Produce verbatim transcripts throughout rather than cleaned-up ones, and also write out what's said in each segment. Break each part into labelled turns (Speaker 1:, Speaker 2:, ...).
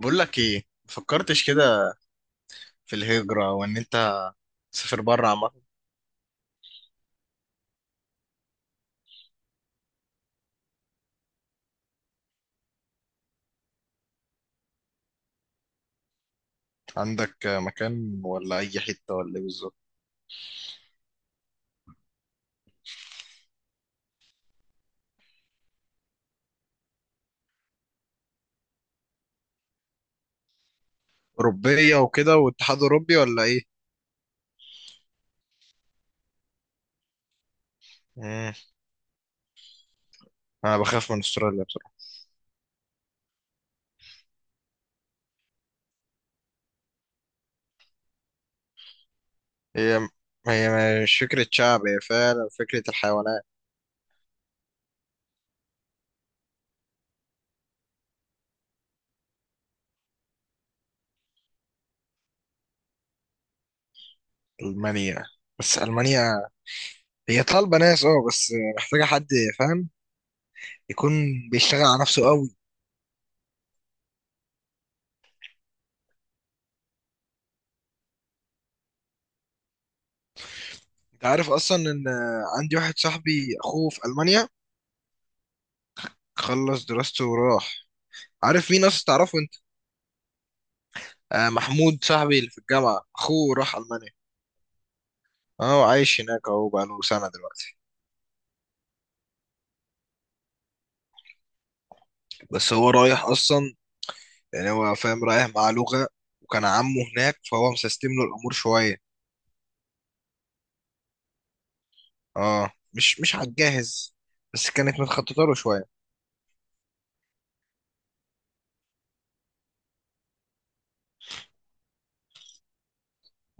Speaker 1: بقول لك ايه مفكرتش كده في الهجرة وان انت تسافر بره عامة؟ عندك مكان ولا اي حتة ولا ايه بالظبط؟ اوروبية وكده واتحاد اوروبي ولا ايه؟ مم. انا بخاف من استراليا بصراحة. هي هي مش فكرة شعب، هي فعلا فكرة الحيوانات. المانيا بس المانيا هي طالبة ناس اه بس محتاجة حد، فاهم؟ يكون بيشتغل على نفسه قوي. انت عارف اصلا ان عندي واحد صاحبي اخوه في المانيا، خلص دراسته وراح. عارف مين ناس تعرفه؟ آه، محمود صاحبي اللي في الجامعة أخوه راح ألمانيا. أهو عايش هناك، أهو بقاله سنة دلوقتي. بس هو رايح أصلا، يعني هو فاهم، رايح مع لغة، وكان عمه هناك فهو مسستم له الأمور شوية. أه، مش مش على الجاهز، بس كانت متخططة له شوية.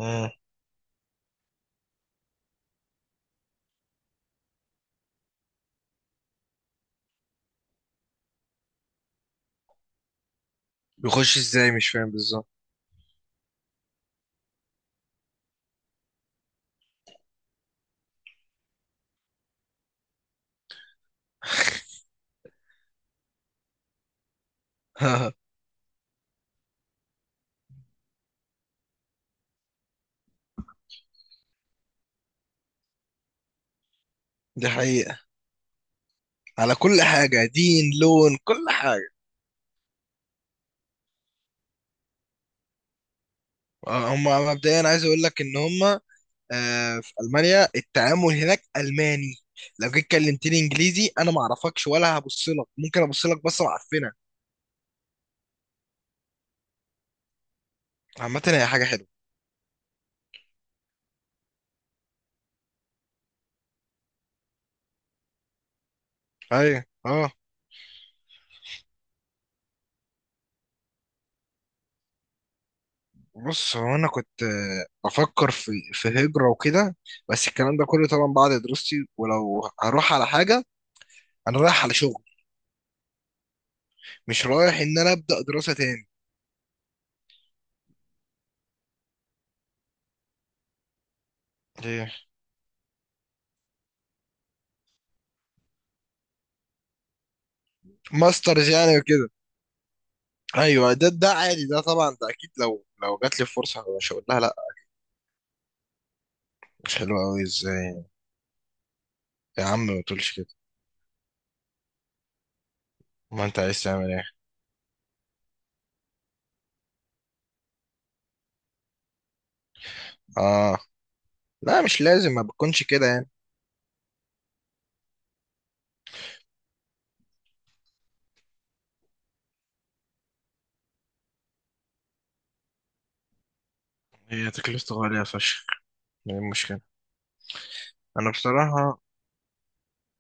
Speaker 1: مم. بيخش إزاي؟ مش فاهم بالظبط. دي حقيقة، على كل حاجة، دين، لون، كل حاجة. آه، هم مبدئيا، عايز أقول لك إن هم. آه، في المانيا التعامل هناك الماني، لو جيت كلمتني انجليزي انا ما اعرفكش ولا هبص لك، ممكن ابص لك بصه معفنه. عامه هي حاجه حلوه. ايوه، اه. بص، هو انا كنت آه، بفكر في في هجره وكده، بس الكلام ده كله طبعا بعد دراستي، ولو هروح على حاجه انا رايح على شغل، مش رايح ان انا ابدا دراسه تاني. ايه؟ ماسترز يعني وكده. ايوه، ده ده عادي، ده طبعا، ده اكيد، لو لو جات لي فرصه مش هقول لها لا. مش حلوه قوي ازاي يعني؟ يا عم ما تقولش كده. ما انت عايز تعمل ايه؟ اه. لا، مش لازم، ما بتكونش كده يعني. هي تكلفته غالية فشخ. ايه المشكلة؟ انا بصراحة،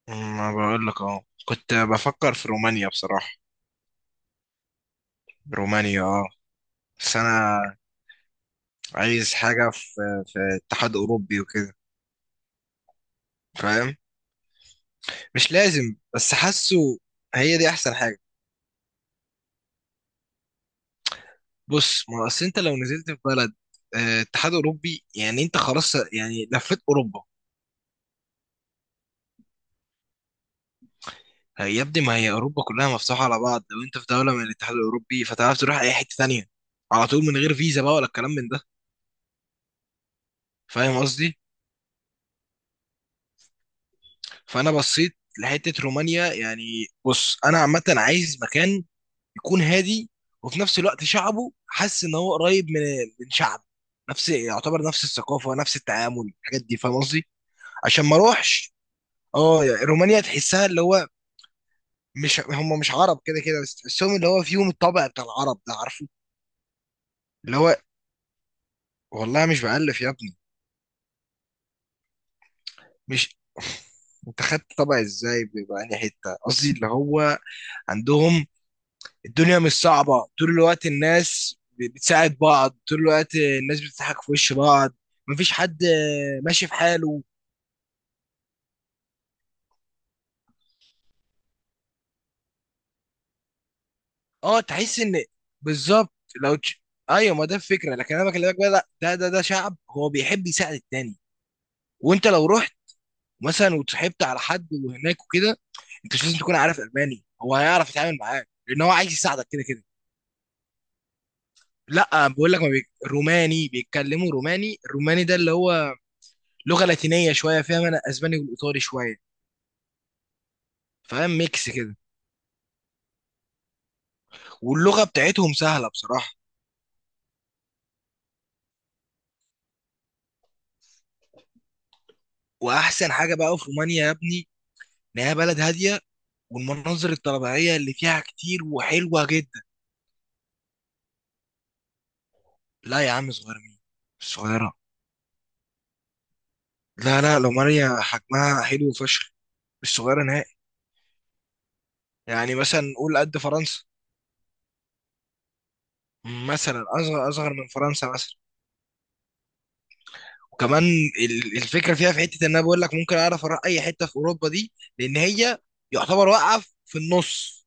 Speaker 1: ما بقول لك، اه كنت بفكر في رومانيا بصراحة. رومانيا، اه. بس انا عايز حاجة في في اتحاد اوروبي وكده. فاهم؟ مش لازم، بس حاسه هي دي احسن حاجة. بص، ما اصل انت لو نزلت في بلد آه، اتحاد اوروبي يعني انت خلاص يعني لفيت اوروبا. يا ابني، ما هي اوروبا كلها مفتوحه على بعض، لو انت في دوله من الاتحاد الاوروبي فتعرف تروح اي حته تانية على طول من غير فيزا بقى ولا الكلام من ده. فاهم قصدي؟ فانا بصيت لحته رومانيا يعني. بص، انا عامه عايز مكان يكون هادي، وفي نفس الوقت شعبه حاسس ان هو قريب من من شعب، نفس يعتبر نفس الثقافه، نفس التعامل، الحاجات دي، فاهم قصدي؟ عشان ما اروحش. اه يعني رومانيا تحسها اللي هو مش هم، مش عرب كده كده، بس تحسهم اللي هو فيهم الطبع بتاع العرب ده، عارفه؟ اللي هو، والله مش بألف يا ابني. مش انت خدت طبع ازاي بيبقى انهي حته؟ قصدي اللي هو عندهم الدنيا مش صعبه، طول الوقت الناس بتساعد بعض، طول الوقت الناس بتضحك في وش بعض، مفيش حد آه، ماشي في حاله. اه. تحس ان بالظبط. لو تش... ايوه، ما ده الفكره، لكن انا بكلمك بقى لا، ده ده ده شعب هو بيحب يساعد التاني. وانت لو رحت مثلا وتصاحبت على حد وهناك وكده، انت مش لازم تكون عارف الماني، هو هيعرف يتعامل معاك لان هو عايز يساعدك كده كده. لا، بقول لك، ما بي... روماني بيتكلموا روماني، الروماني ده اللي هو لغه لاتينيه شويه، فيها من الاسباني والايطالي شويه. فاهم؟ ميكس كده. واللغه بتاعتهم سهله بصراحه. واحسن حاجه بقى في رومانيا يا ابني ان هي بلد هاديه، والمناظر الطبيعيه اللي فيها كتير وحلوه جدا. لا يا عم، صغير مين؟ الصغيره. لا لا، رومانيا حجمها حلو فشخ، مش صغيره نهائي. يعني مثلا قول قد فرنسا. مثلا اصغر اصغر من فرنسا مثلا. وكمان ال- الفكره فيها في حته ان انا بقول لك ممكن اعرف اروح اي حته في اوروبا دي، لان هي يعتبر واقعه في النص.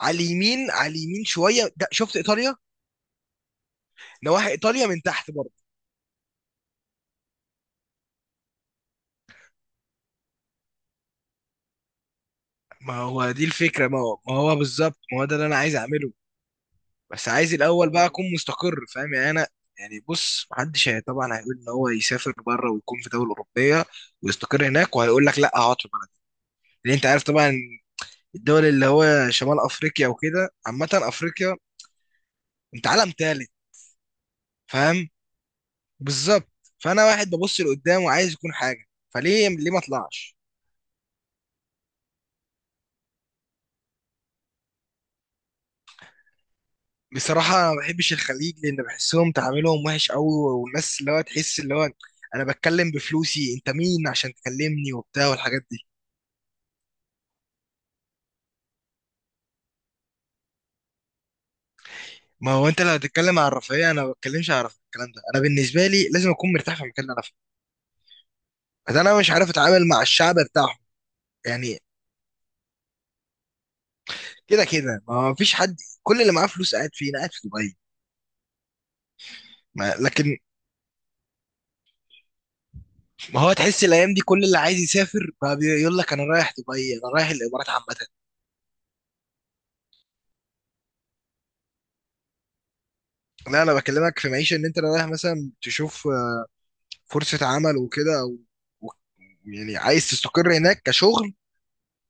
Speaker 1: على اليمين، على اليمين شويه، ده شفت ايطاليا؟ نواحي ايطاليا من تحت برضه. ما هو دي الفكره، ما هو, ما هو بالظبط، ما هو ده اللي انا عايز اعمله. بس عايز الاول بقى اكون مستقر، فاهم يعني؟ انا يعني بص، محدش هي طبعا هيقول ان هو يسافر بره ويكون في دوله اوروبيه ويستقر هناك، وهيقول لك لا اقعد في بلدي، لان انت عارف طبعا الدول اللي هو شمال افريقيا وكده عامه افريقيا انت عالم تالت، فاهم؟ بالظبط. فانا واحد ببص لقدام وعايز يكون حاجه، فليه ليه ما اطلعش؟ بصراحه، أنا ما بحبش الخليج لان بحسهم تعاملهم وحش قوي، والناس اللي هو تحس اللي هو انا بتكلم بفلوسي، انت مين عشان تكلمني وبتاع والحاجات دي. ما هو انت لو هتتكلم عن الرفاهيه، انا ما بتكلمش عن الرفاهية، الكلام ده، انا بالنسبه لي لازم اكون مرتاح في المكان اللي انا فيه. بس انا مش عارف اتعامل مع الشعب بتاعهم. يعني كده كده ما فيش حد، كل اللي معاه فلوس قاعد فين؟ قاعد في دبي. ما لكن. ما هو تحس الايام دي كل اللي عايز يسافر بقى بيقول لك انا رايح دبي، انا رايح الامارات عامه. لا، انا بكلمك في معيشه ان انت رايح مثلا تشوف آه، فرصه عمل وكده، أو و- يعني عايز تستقر هناك كشغل.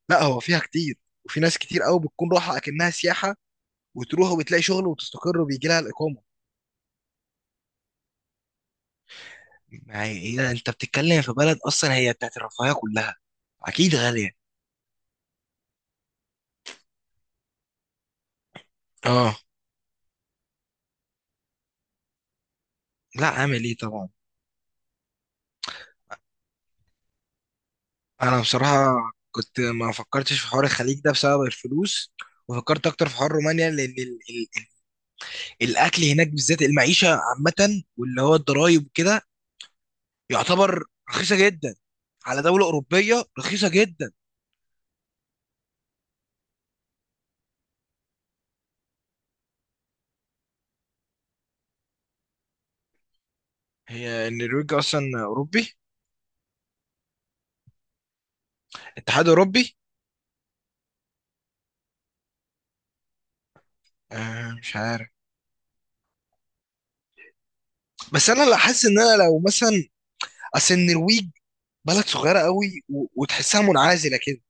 Speaker 1: لا، هو فيها كتير، وفي ناس كتير قوي بتكون راحه اكنها سياحه، وتروح وبتلاقي شغل وتستقر وبيجي لها الاقامه. ما هي إيه، انت بتتكلم في بلد اصلا هي بتاعت الرفاهيه كلها، اكيد غاليه. اه. لا، عامل ايه طبعا. انا بصراحه، كنت ما فكرتش في حوار الخليج ده بسبب الفلوس، وفكرت اكتر في حوار رومانيا لان ال ال الاكل هناك بالذات، المعيشه عامه واللي هو الضرايب وكده يعتبر رخيصه جدا، على دوله اوروبيه رخيصه جدا. هي النرويج اصلا اوروبي؟ اتحاد اوروبي. آه، مش عارف. بس انا لا، حاسس ان انا لو مثلا اصل النرويج بلد صغيره قوي و- وتحسها منعزله كده،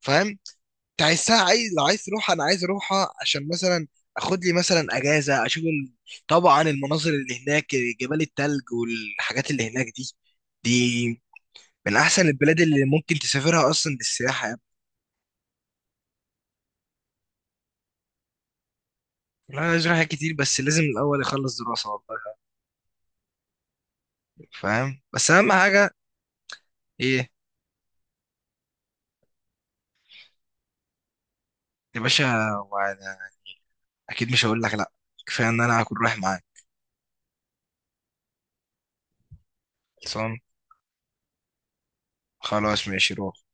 Speaker 1: فاهم؟ انت عايزها، عايز لو عايز تروحها انا عايز اروحها عشان مثلا اخد لي مثلا اجازه اشوف ال- طبعا المناظر اللي هناك، جبال التلج والحاجات اللي هناك دي. دي من احسن البلاد اللي ممكن تسافرها اصلا للسياحه يعني. لا، انا عايز أروح حاجات كتير، بس لازم الاول اخلص دراسه والله. يعني، فاهم؟ بس اهم حاجه. ايه؟ يا باشا، وأنا اكيد مش هقول لك لا، كفايه ان انا هكون رايح معاك. خلصان. خلاص، ماشي، روح.